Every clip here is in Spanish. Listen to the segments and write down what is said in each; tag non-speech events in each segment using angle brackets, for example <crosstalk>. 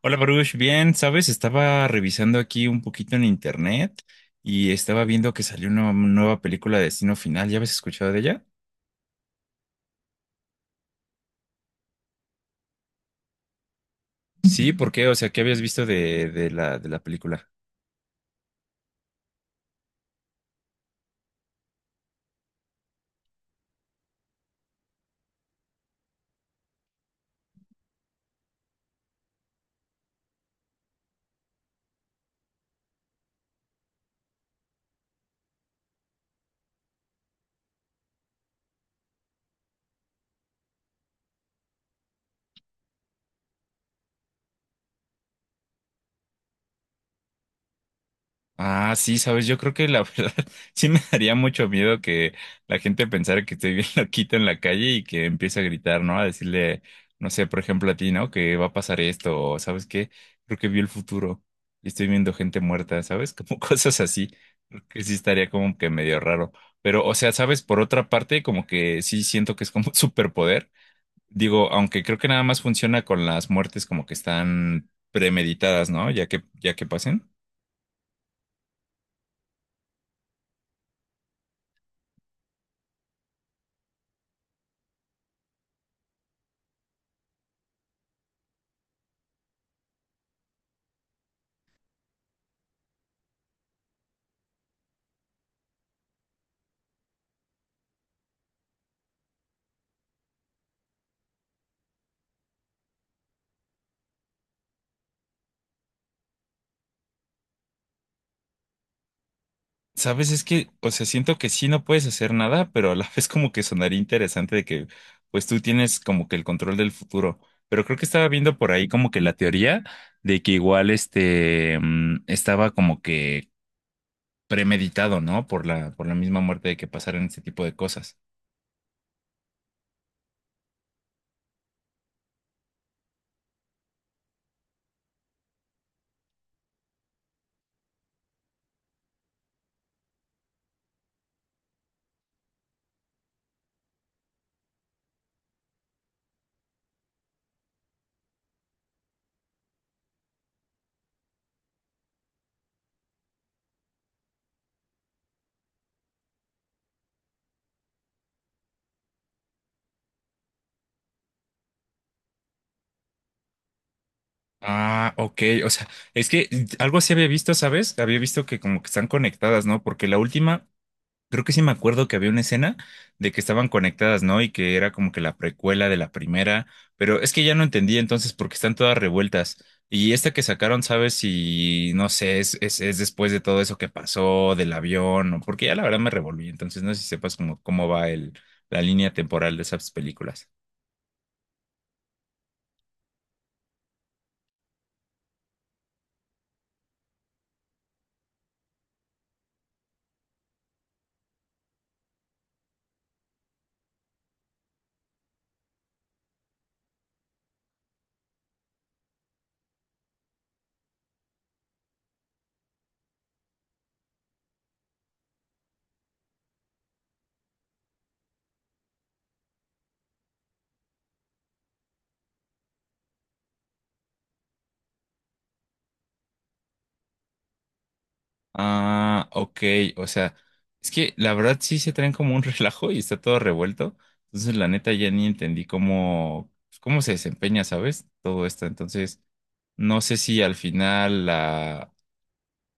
Hola Baruch, bien, sabes, estaba revisando aquí un poquito en internet y estaba viendo que salió una nueva película de Destino Final. ¿Ya habías escuchado de ella? Sí, ¿por qué? O sea, ¿qué habías visto de la película? Ah, sí, sabes, yo creo que la verdad <laughs> sí me daría mucho miedo que la gente pensara que estoy bien <laughs> loquito en la calle y que empiece a gritar, ¿no? A decirle, no sé, por ejemplo a ti, ¿no? Que va a pasar esto, o ¿sabes qué? Creo que vi el futuro y estoy viendo gente muerta, ¿sabes? Como <laughs> cosas así. Creo que sí estaría como que medio raro. Pero, o sea, ¿sabes? Por otra parte, como que sí siento que es como <laughs> un superpoder. Digo, aunque creo que nada más funciona con las muertes como que están premeditadas, ¿no? Ya que pasen. Sabes, es que, o sea, siento que sí no puedes hacer nada, pero a la vez como que sonaría interesante de que, pues tú tienes como que el control del futuro. Pero creo que estaba viendo por ahí como que la teoría de que igual este estaba como que premeditado, ¿no? Por la misma muerte de que pasaran este tipo de cosas. Ah, ok. O sea, es que algo así había visto, ¿sabes? Había visto que como que están conectadas, ¿no? Porque la última, creo que sí me acuerdo que había una escena de que estaban conectadas, ¿no? Y que era como que la precuela de la primera, pero es que ya no entendí entonces porque están todas revueltas. Y esta que sacaron, ¿sabes si, no sé, es después de todo eso que pasó, del avión? O porque ya la verdad me revolví, entonces no sé si sepas cómo, cómo va el, la línea temporal de esas películas. Ah, ok, o sea, es que la verdad sí se traen como un <laughs> relajo y está todo revuelto. Entonces, la neta ya ni entendí cómo, pues, cómo se desempeña, ¿sabes? Todo esto. Entonces, no sé si al final la,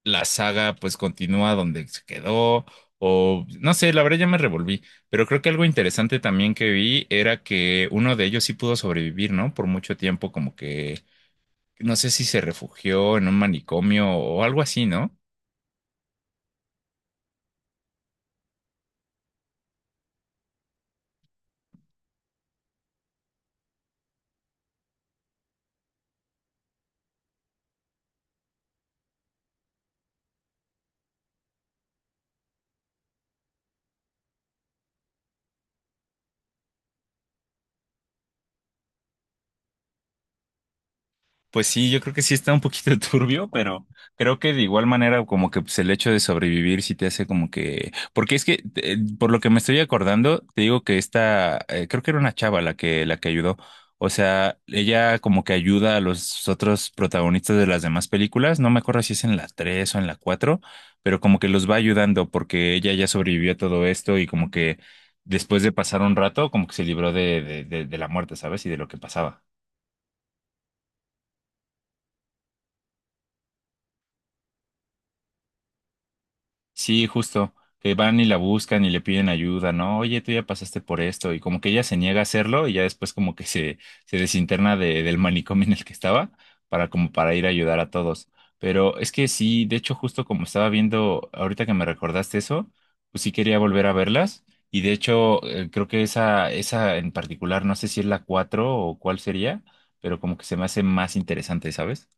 la saga pues continúa donde se quedó o no sé, la verdad ya me revolví. Pero creo que algo interesante también que vi era que uno de ellos sí pudo sobrevivir, ¿no? Por mucho tiempo, como que no sé si se refugió en un manicomio o algo así, ¿no? Pues sí, yo creo que sí está un poquito <laughs> turbio, pero creo que de igual manera como que pues, el hecho de sobrevivir sí te hace como que... Porque es que, por lo que me estoy acordando, te digo que esta, creo que era una chava la que ayudó. O sea, ella como que ayuda a los otros protagonistas de las demás películas. No me acuerdo si es en la 3 o en la 4, pero como que los va ayudando porque ella ya sobrevivió a todo esto y como que después de pasar un rato, como que se libró de la muerte, ¿sabes? Y de lo que pasaba. Sí, justo, que van y la buscan y le piden ayuda, ¿no? Oye, tú ya pasaste por esto y como que ella se niega a hacerlo y ya después como que se desinterna de- del manicomio en el que estaba para como para ir a ayudar a todos. Pero es que sí, de hecho justo como estaba viendo ahorita que me recordaste eso, pues sí quería volver a verlas y de hecho creo que esa en particular, no sé si es la 4 o cuál sería, pero como que se me hace más interesante, ¿sabes?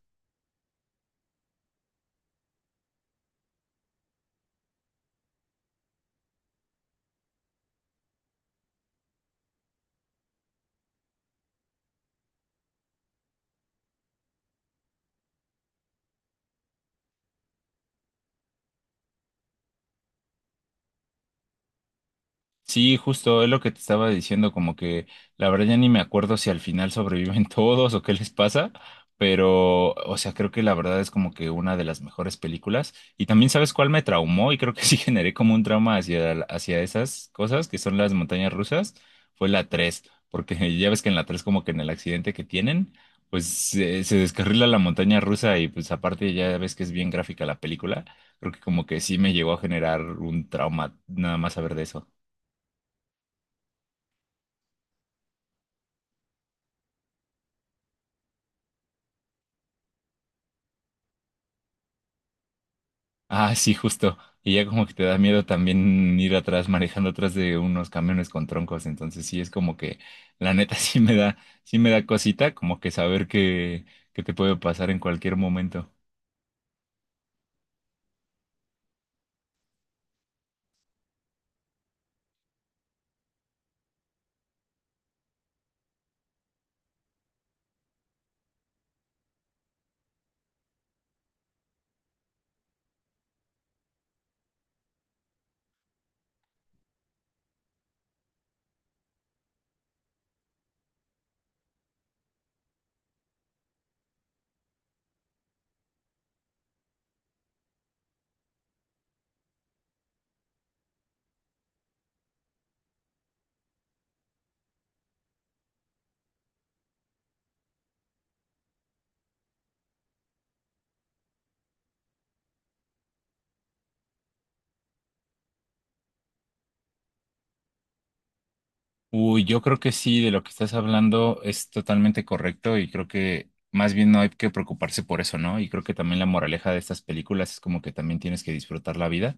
Sí, justo es lo que te estaba diciendo, como que la verdad ya ni me acuerdo si al final sobreviven <laughs> todos o qué les pasa, pero o sea, creo que la verdad es como que una de las mejores películas. Y también sabes cuál me traumó y creo que sí <laughs> generé como un trauma hacia, hacia esas cosas que son las montañas rusas, fue la 3, porque <laughs> ya ves que en la 3 como que en el accidente que tienen, pues se descarrila la montaña rusa y pues aparte ya ves que es bien gráfica la película, creo que como que sí me llegó a generar un trauma nada más saber de eso. Ah, sí, justo. Y ya como que te da miedo también ir atrás, manejando atrás de unos camiones con troncos. Entonces sí es como que, la neta, <laughs> sí me da cosita, como que saber que te puede pasar en cualquier momento. Uy, yo creo que sí, de lo que estás hablando es totalmente correcto y creo que más bien no hay que preocuparse por eso, ¿no? Y creo que también la moraleja de estas películas es como que también tienes que disfrutar la vida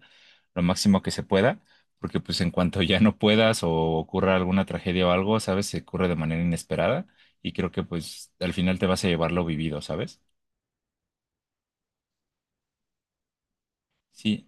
lo máximo que se pueda, porque pues en cuanto <laughs> ya no puedas o ocurra alguna tragedia o algo, ¿sabes? Se ocurre de manera inesperada y creo que pues al final te vas a llevar lo vivido, ¿sabes? Sí.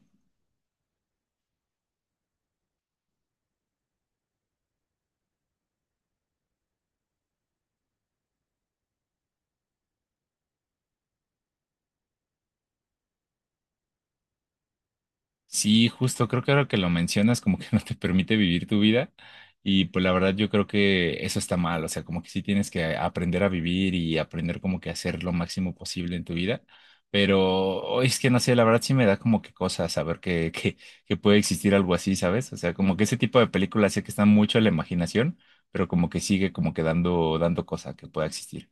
Sí, justo, creo que ahora que lo mencionas, como que <laughs> no te permite vivir tu vida. Y pues la verdad yo creo que eso está mal, o sea, como que sí tienes que aprender a vivir y aprender como que a hacer lo máximo posible en tu vida. Pero oh, es que no sé, la verdad sí me da como que cosa saber que puede existir algo así, ¿sabes? O sea, como que ese tipo de películas sé que están mucho a la imaginación, pero como que sigue como que dando cosa que pueda existir.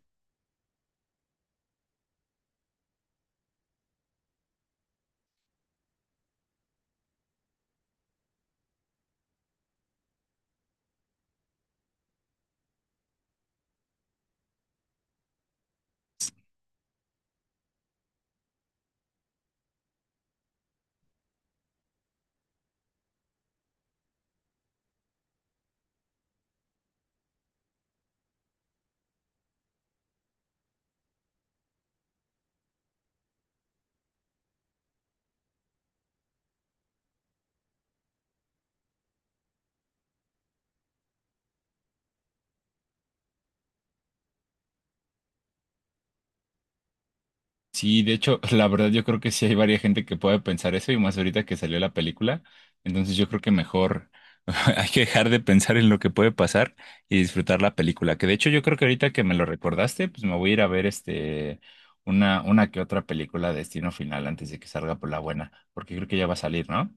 Sí, de hecho, <laughs> la verdad yo creo que sí hay varias gente que puede pensar eso y más ahorita que salió la película. Entonces yo creo que mejor <laughs> hay que dejar de pensar en lo que puede pasar y disfrutar la película. Que de hecho yo creo que ahorita que me lo recordaste, pues me voy a ir a ver este una que otra película de Destino Final antes de que salga por la buena, porque creo que ya va a salir, ¿no?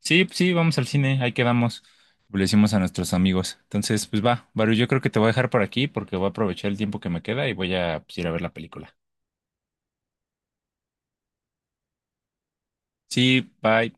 Sí, pues sí, vamos al cine, ahí quedamos. Le decimos a nuestros amigos. Entonces, pues va, Baru, yo creo que te voy a dejar por aquí porque voy a aprovechar el tiempo que me queda y voy a pues, ir a ver la película. Sí, bye.